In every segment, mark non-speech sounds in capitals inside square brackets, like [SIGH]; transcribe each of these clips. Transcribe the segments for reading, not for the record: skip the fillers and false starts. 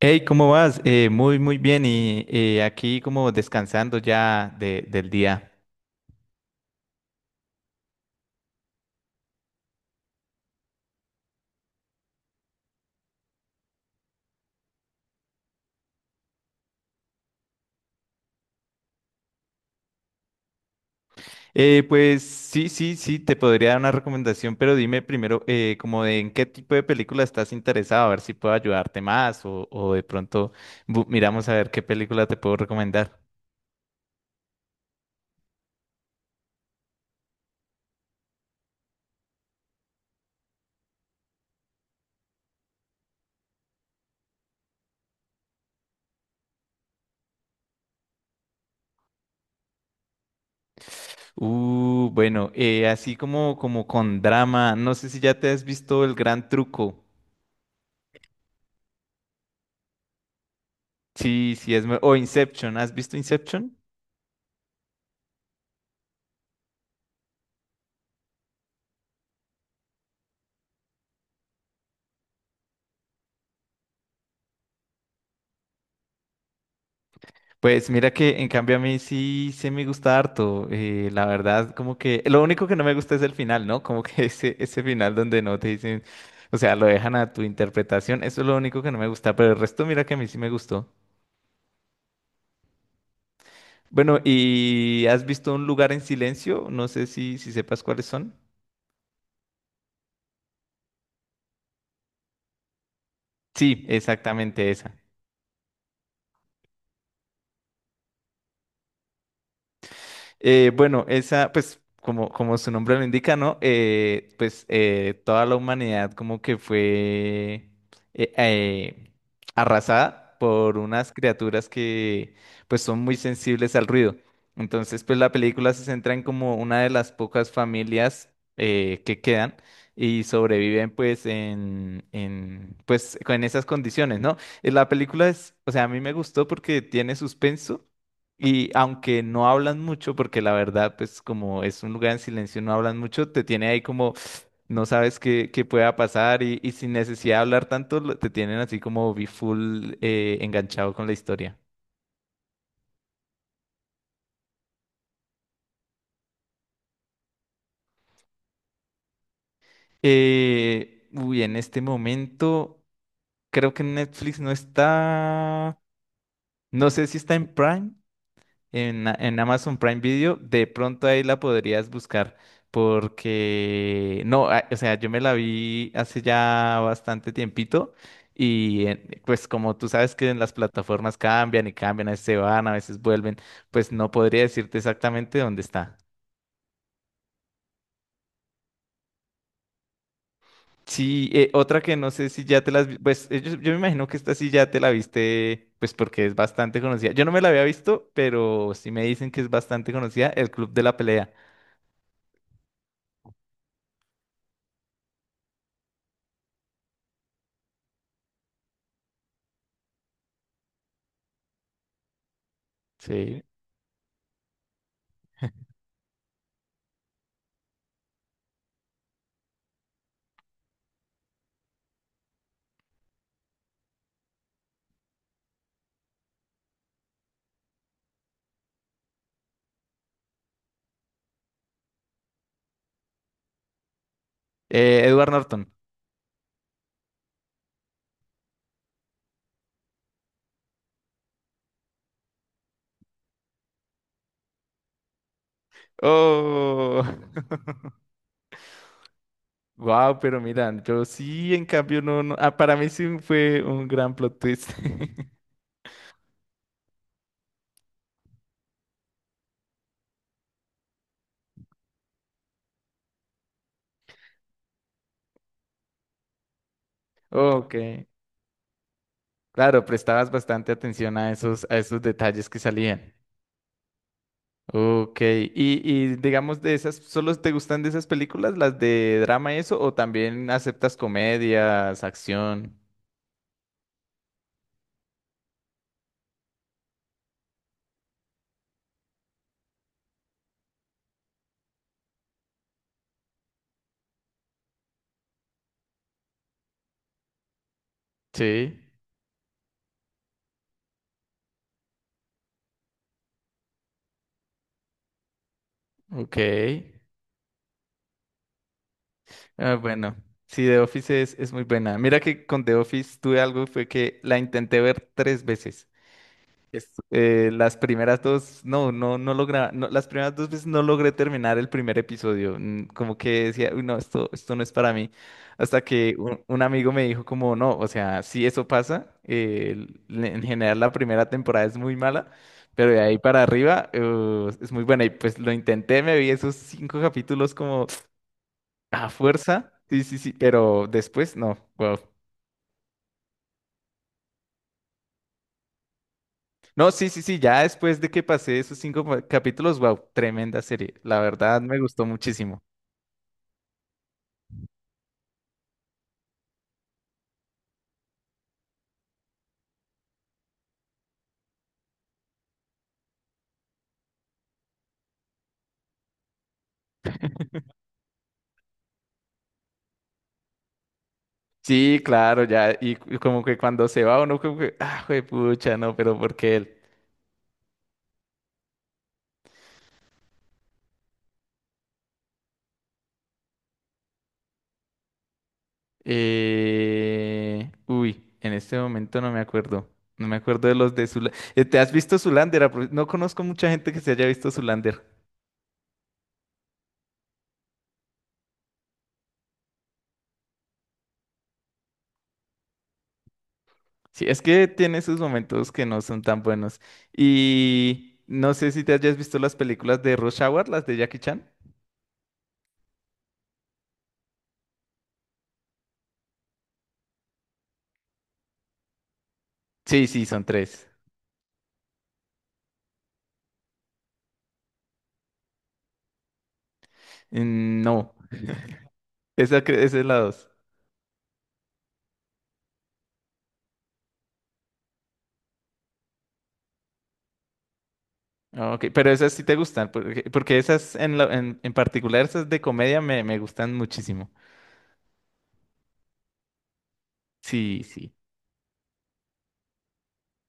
Hey, ¿cómo vas? Muy, muy bien. Y aquí como descansando ya del día. Pues sí, sí, sí, te podría dar una recomendación, pero dime primero como de en qué tipo de película estás interesado, a ver si puedo ayudarte más o de pronto miramos a ver qué película te puedo recomendar. Bueno, así como con drama, no sé si ya te has visto El Gran Truco. Sí, sí, o Inception, ¿has visto Inception? Pues mira que en cambio a mí sí me gusta harto. La verdad, como que lo único que no me gusta es el final, ¿no? Como que [LAUGHS] ese final donde no te dicen, o sea, lo dejan a tu interpretación. Eso es lo único que no me gusta, pero el resto mira que a mí sí me gustó. Bueno, ¿y has visto Un lugar en silencio? No sé si sepas cuáles son. Sí, exactamente esa. Bueno, esa, pues, como su nombre lo indica, ¿no? Pues toda la humanidad como que fue eh, eh, arrasada por unas criaturas que pues son muy sensibles al ruido. Entonces, pues la película se centra en como una de las pocas familias que quedan y sobreviven pues con esas condiciones, ¿no? La película es, o sea, a mí me gustó porque tiene suspenso y aunque no hablan mucho, porque la verdad, pues como es un lugar en silencio, no hablan mucho, te tiene ahí como, no sabes qué pueda pasar y sin necesidad de hablar tanto, te tienen así como be full enganchado con la historia. Uy, en este momento creo que Netflix no está, no sé si está en Prime, en Amazon Prime Video, de pronto ahí la podrías buscar. Porque no, o sea, yo me la vi hace ya bastante tiempito. Y pues como tú sabes que en las plataformas cambian y cambian, a veces se van, a veces vuelven, pues no podría decirte exactamente dónde está. Sí, otra que no sé si ya te las pues yo me imagino que esta sí ya te la viste, pues porque es bastante conocida. Yo no me la había visto, pero sí me dicen que es bastante conocida, El Club de la Pelea. Sí. Edward Norton. Oh, [LAUGHS] wow, pero mira, yo sí, en cambio, no, no. Ah, para mí sí fue un gran plot twist. [LAUGHS] Ok, claro, prestabas bastante atención a esos, detalles que salían. Ok, y digamos de esas, ¿solo te gustan de esas películas, las de drama y eso, o también aceptas comedias, acción? Sí, ok. Ah, bueno, sí, The Office es, muy buena. Mira que con The Office tuve algo, fue que la intenté ver tres veces. Las primeras dos, no, no, no logra, no, las primeras dos veces no logré terminar el primer episodio. Como que decía, uy, no, esto, no es para mí. Hasta que un amigo me dijo como, no, o sea, sí eso pasa. En general la primera temporada es muy mala, pero de ahí para arriba es muy buena. Y pues lo intenté, me vi esos cinco capítulos como. A fuerza, sí, sí, sí, pero después no, wow. No, sí, sí, sí, ya después de que pasé esos cinco capítulos, wow, tremenda serie. La verdad me gustó muchísimo. Sí, claro, ya, y como que cuando se va uno, como que, ah, pucha, no, pero ¿por qué él? Uy, en este momento no me acuerdo. No me acuerdo de los de Zulander. ¿Te has visto Zulander? No conozco mucha gente que se haya visto Zulander. Sí, es que tiene sus momentos que no son tan buenos. Y no sé si te hayas visto las películas de Rush Hour, las de Jackie Chan. Sí, sí, son tres. No, esa, esa es la dos. Ah, Ok, pero esas sí te gustan, porque, esas en particular, esas de comedia me gustan muchísimo. Sí, sí.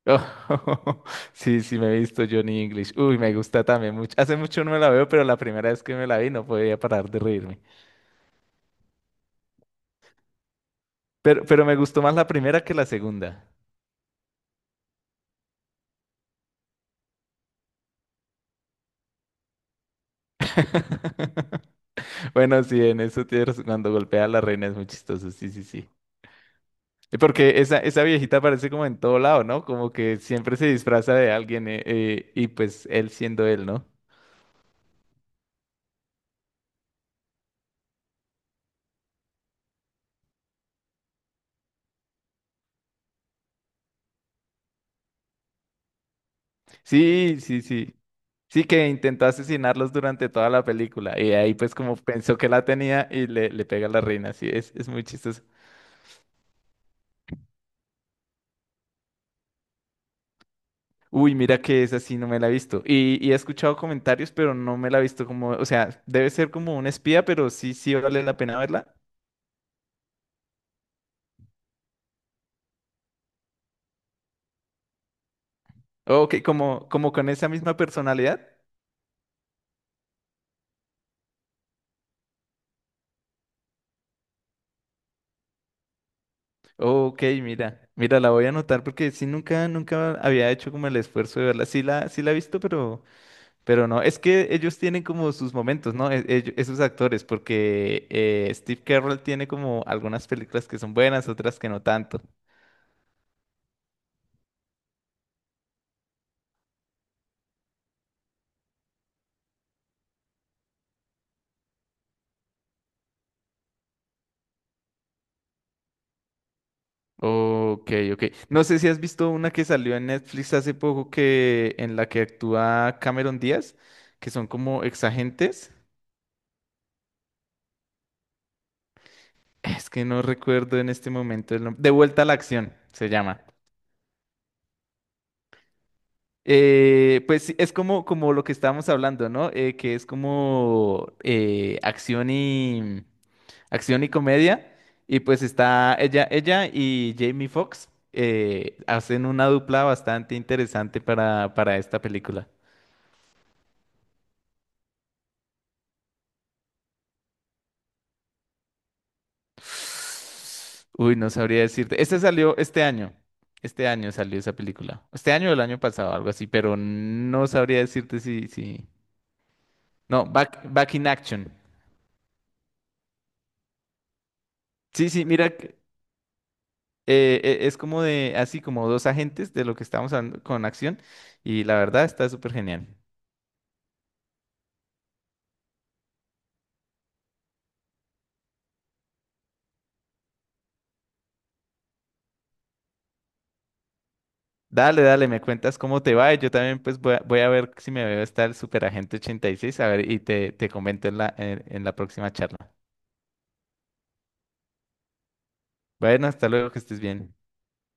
Oh, [LAUGHS] sí, sí, me he visto Johnny English. Uy, me gusta también mucho. Hace mucho no me la veo, pero la primera vez que me la vi no podía parar de reírme. Pero me gustó más la primera que la segunda. Bueno, sí, en eso tienes razón. Cuando golpea a la reina es muy chistoso, sí, sí, sí. Y porque esa, viejita aparece como en todo lado, ¿no? Como que siempre se disfraza de alguien y pues él siendo él, ¿no? Sí, sí, sí. Sí que intentó asesinarlos durante toda la película y ahí pues como pensó que la tenía y le pega a la reina, sí, es muy chistoso. Uy, mira que esa sí no me la he visto. Y he escuchado comentarios, pero no me la he visto como, o sea, debe ser como un espía, pero sí, vale la pena verla. Ok, como con esa misma personalidad. Ok, mira, mira, la voy a anotar porque sí nunca, nunca había hecho como el esfuerzo de verla. Sí la he visto, pero, no. Es que ellos tienen como sus momentos, ¿no? Esos actores, porque Steve Carell tiene como algunas películas que son buenas, otras que no tanto. Ok, ok. No sé si has visto una que salió en Netflix hace poco que en la que actúa Cameron Díaz, que son como exagentes. Es que no recuerdo en este momento el nombre. De vuelta a la acción, se llama. Pues sí, es como lo que estábamos hablando, ¿no? Que es como acción y comedia. Y pues está ella, y Jamie Foxx hacen una dupla bastante interesante para esta película. Uy, no sabría decirte. Este salió este año. Este año salió esa película. Este año o el año pasado, algo así, pero no sabría decirte si. No, Back in Action. Sí, sí, mira, es como así como dos agentes de lo que estamos hablando con acción y la verdad está súper genial. Dale, dale, me cuentas cómo te va y yo también pues voy a ver si me veo hasta el Super Agente seis a ver, y te comento en la, en la próxima charla. Bueno, hasta luego, que estés bien.